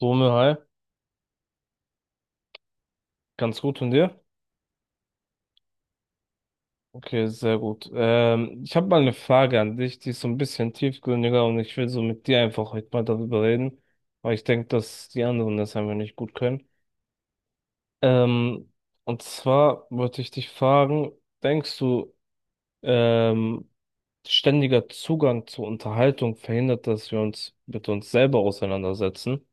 Dome, hi. Ganz gut und dir? Okay, sehr gut. Ich habe mal eine Frage an dich, die ist so ein bisschen tiefgründiger und ich will so mit dir einfach heute mal darüber reden, weil ich denke, dass die anderen das einfach nicht gut können. Ähm, und zwar wollte ich dich fragen, denkst du, ähm, ständiger Zugang zur Unterhaltung verhindert, dass wir uns mit uns selber auseinandersetzen?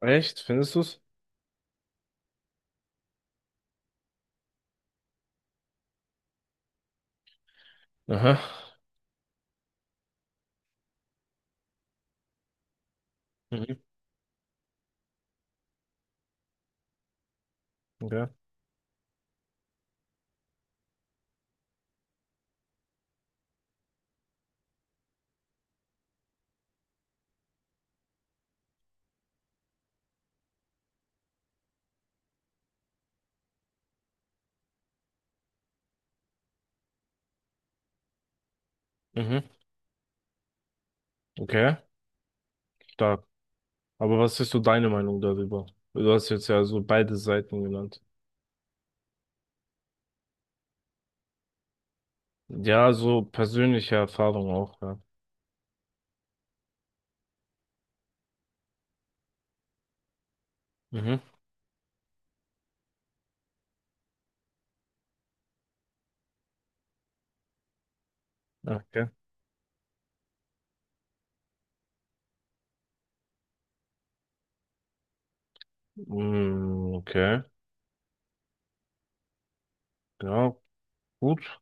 Echt? Findest du's? Aha. Mhm. Okay. Mhm. Okay. Stark. Aber was ist so deine Meinung darüber? Du hast jetzt ja so beide Seiten genannt. Ja, so persönliche Erfahrung auch, ja. Mhm. Okay. Mm, okay. Ja, gut.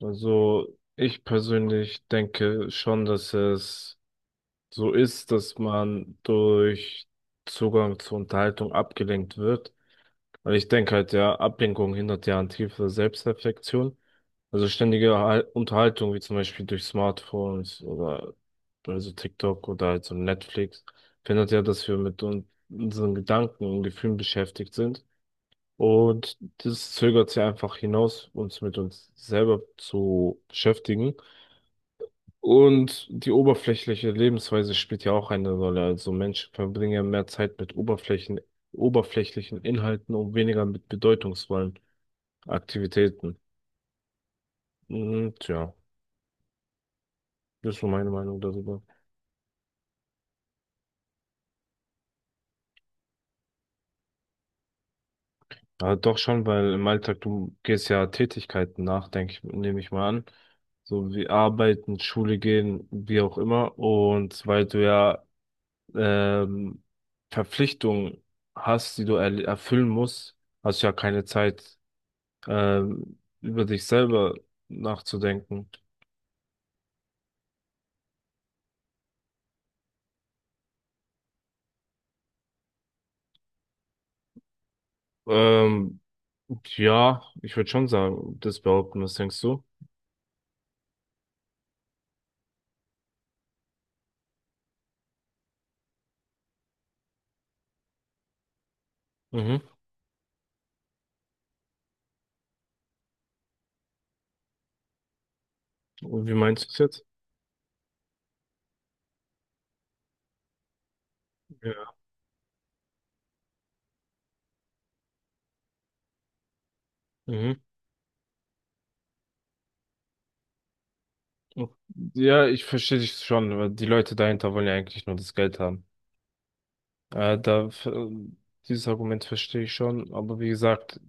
Also ich persönlich denke schon, dass es so ist, dass man durch Zugang zur Unterhaltung abgelenkt wird. Weil ich denke halt, ja, Ablenkung hindert ja an tiefer Selbstreflexion. Also ständige Unterhaltung, wie zum Beispiel durch Smartphones oder also TikTok oder halt so Netflix, verhindert ja, dass wir mit un unseren Gedanken und Gefühlen beschäftigt sind. Und das zögert sie einfach hinaus, uns mit uns selber zu beschäftigen. Und die oberflächliche Lebensweise spielt ja auch eine Rolle. Also Menschen verbringen ja mehr Zeit mit oberflächlichen Inhalten und weniger mit bedeutungsvollen Aktivitäten. Und ja, das ist so meine Meinung darüber. Ja, doch schon, weil im Alltag, du gehst ja Tätigkeiten nach, denke ich, nehme ich mal an. So wie arbeiten, Schule gehen, wie auch immer. Und weil du ja ähm, Verpflichtungen hast, die du erfüllen musst, hast du ja keine Zeit, über dich selber nachzudenken. Ähm, ja, ich würde schon sagen, das behaupten, was denkst du? Mhm. Und wie meinst du es jetzt? Ja. Mhm. Ja, ich verstehe dich schon, weil die Leute dahinter wollen ja eigentlich nur das Geld haben. Äh, da, f- äh, Dieses Argument verstehe ich schon, aber wie gesagt,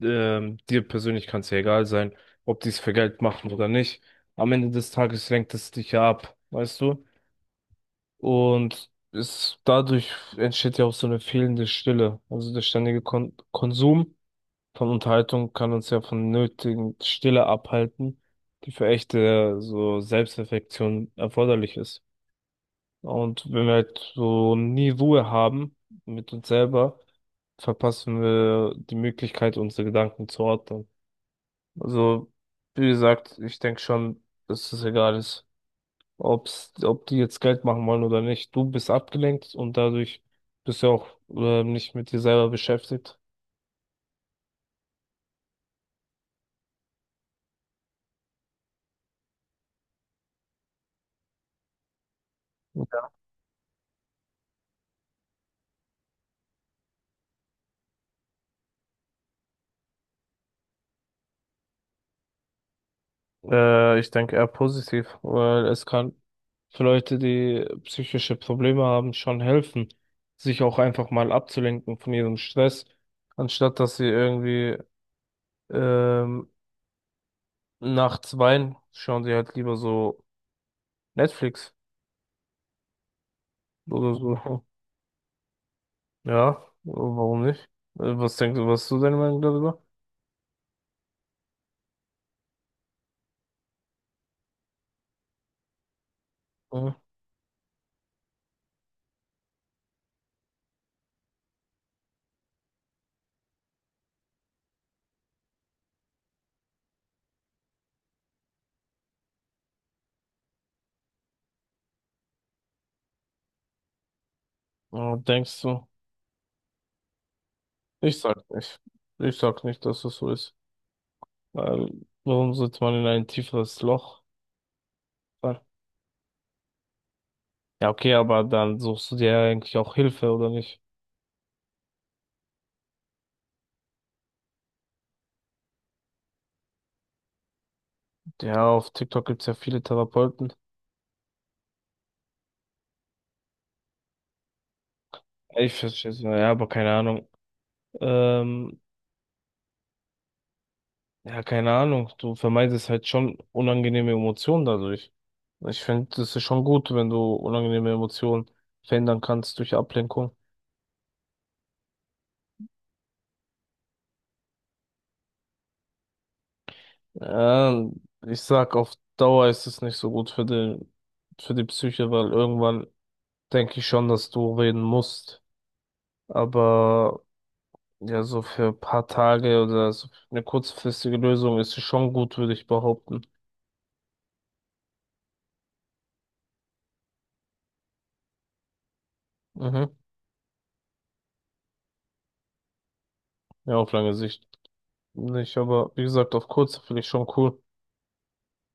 dir persönlich kann es ja egal sein, ob die es für Geld machen oder nicht. Am Ende des Tages lenkt es dich ja ab, weißt du? Und es, dadurch entsteht ja auch so eine fehlende Stille. Also der ständige Konsum von Unterhaltung kann uns ja von nötigen Stille abhalten, die für echte so Selbstreflexion erforderlich ist. Und wenn wir halt so nie Ruhe haben mit uns selber, verpassen wir die Möglichkeit, unsere Gedanken zu ordnen. Also, wie gesagt, ich denke schon, dass es egal ist, ob die jetzt Geld machen wollen oder nicht. Du bist abgelenkt und dadurch bist du auch nicht mit dir selber beschäftigt. Ich denke eher positiv, weil es kann für Leute, die psychische Probleme haben, schon helfen, sich auch einfach mal abzulenken von ihrem Stress, anstatt dass sie irgendwie ähm, nachts weinen, schauen sie halt lieber so Netflix oder so. Ja, warum nicht? Was denkst du, was ist so deine Meinung darüber? Mhm. Ja, denkst du? Ich sag nicht. Ich sag nicht, dass das so ist. Weil, warum sollte man in ein tieferes Loch fallen? Ja, okay, aber dann suchst du dir ja eigentlich auch Hilfe, oder nicht? Ja, auf TikTok gibt's ja viele Therapeuten. Ich verstehe es, ja, aber keine Ahnung. Ähm, ja, keine Ahnung. Du vermeidest halt schon unangenehme Emotionen dadurch. Ich finde, das ist schon gut, wenn du unangenehme Emotionen verändern kannst durch Ablenkung. Ähm, Ich sag, auf Dauer ist es nicht so gut für für die Psyche, weil irgendwann denke ich schon, dass du reden musst. Aber ja, so für ein paar Tage oder so eine kurzfristige Lösung ist sie schon gut, würde ich behaupten. Mhm. Ja, auf lange Sicht nicht, aber wie gesagt, auf kurz finde ich schon cool.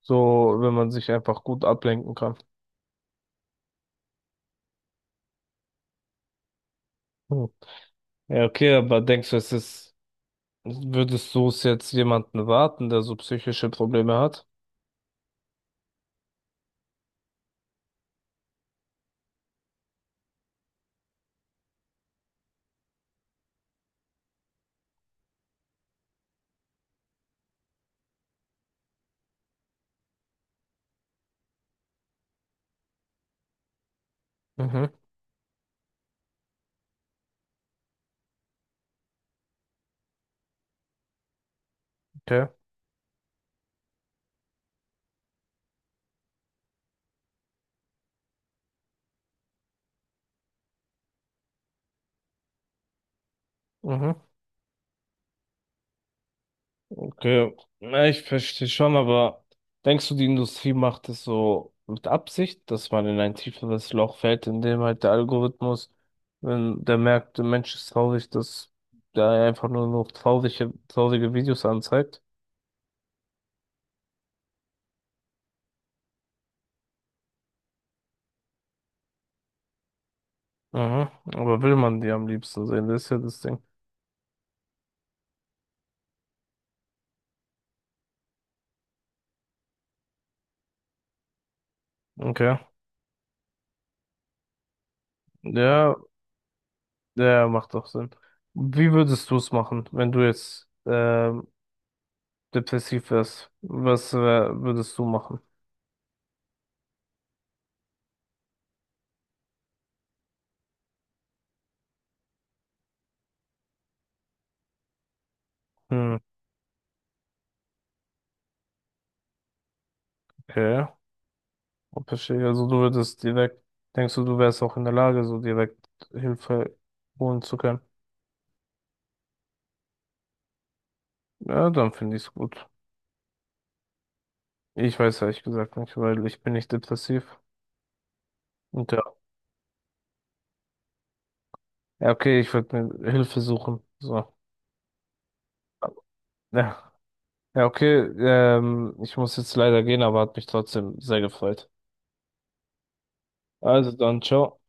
So, wenn man sich einfach gut ablenken kann. Hm. Ja, okay, aber denkst du, würdest du es jetzt jemanden warten, der so psychische Probleme hat? Mhm. Okay. Mhm. Okay, na, ich verstehe schon, aber denkst du, die Industrie macht es so mit Absicht, dass man in ein tieferes Loch fällt, in dem halt der Algorithmus, wenn der merkt, der Mensch ist traurig, dass der einfach nur noch traurige Videos anzeigt? Mhm. Aber will man die am liebsten sehen? Das ist ja das Ding. Okay. Ja, ja, macht doch Sinn. Wie würdest du es machen, wenn du jetzt depressiv wärst? Was würdest du machen? Hm, okay. Oh, verstehe, also du würdest denkst du, du wärst auch in der Lage, so direkt Hilfe holen zu können? Ja, dann finde ich es gut. Ich weiß ehrlich gesagt nicht, weil ich bin nicht depressiv. Und ja, ja, okay, ich würde mir Hilfe suchen. So. Ja, ja, okay, ich muss jetzt leider gehen, aber hat mich trotzdem sehr gefreut. Also dann, ciao.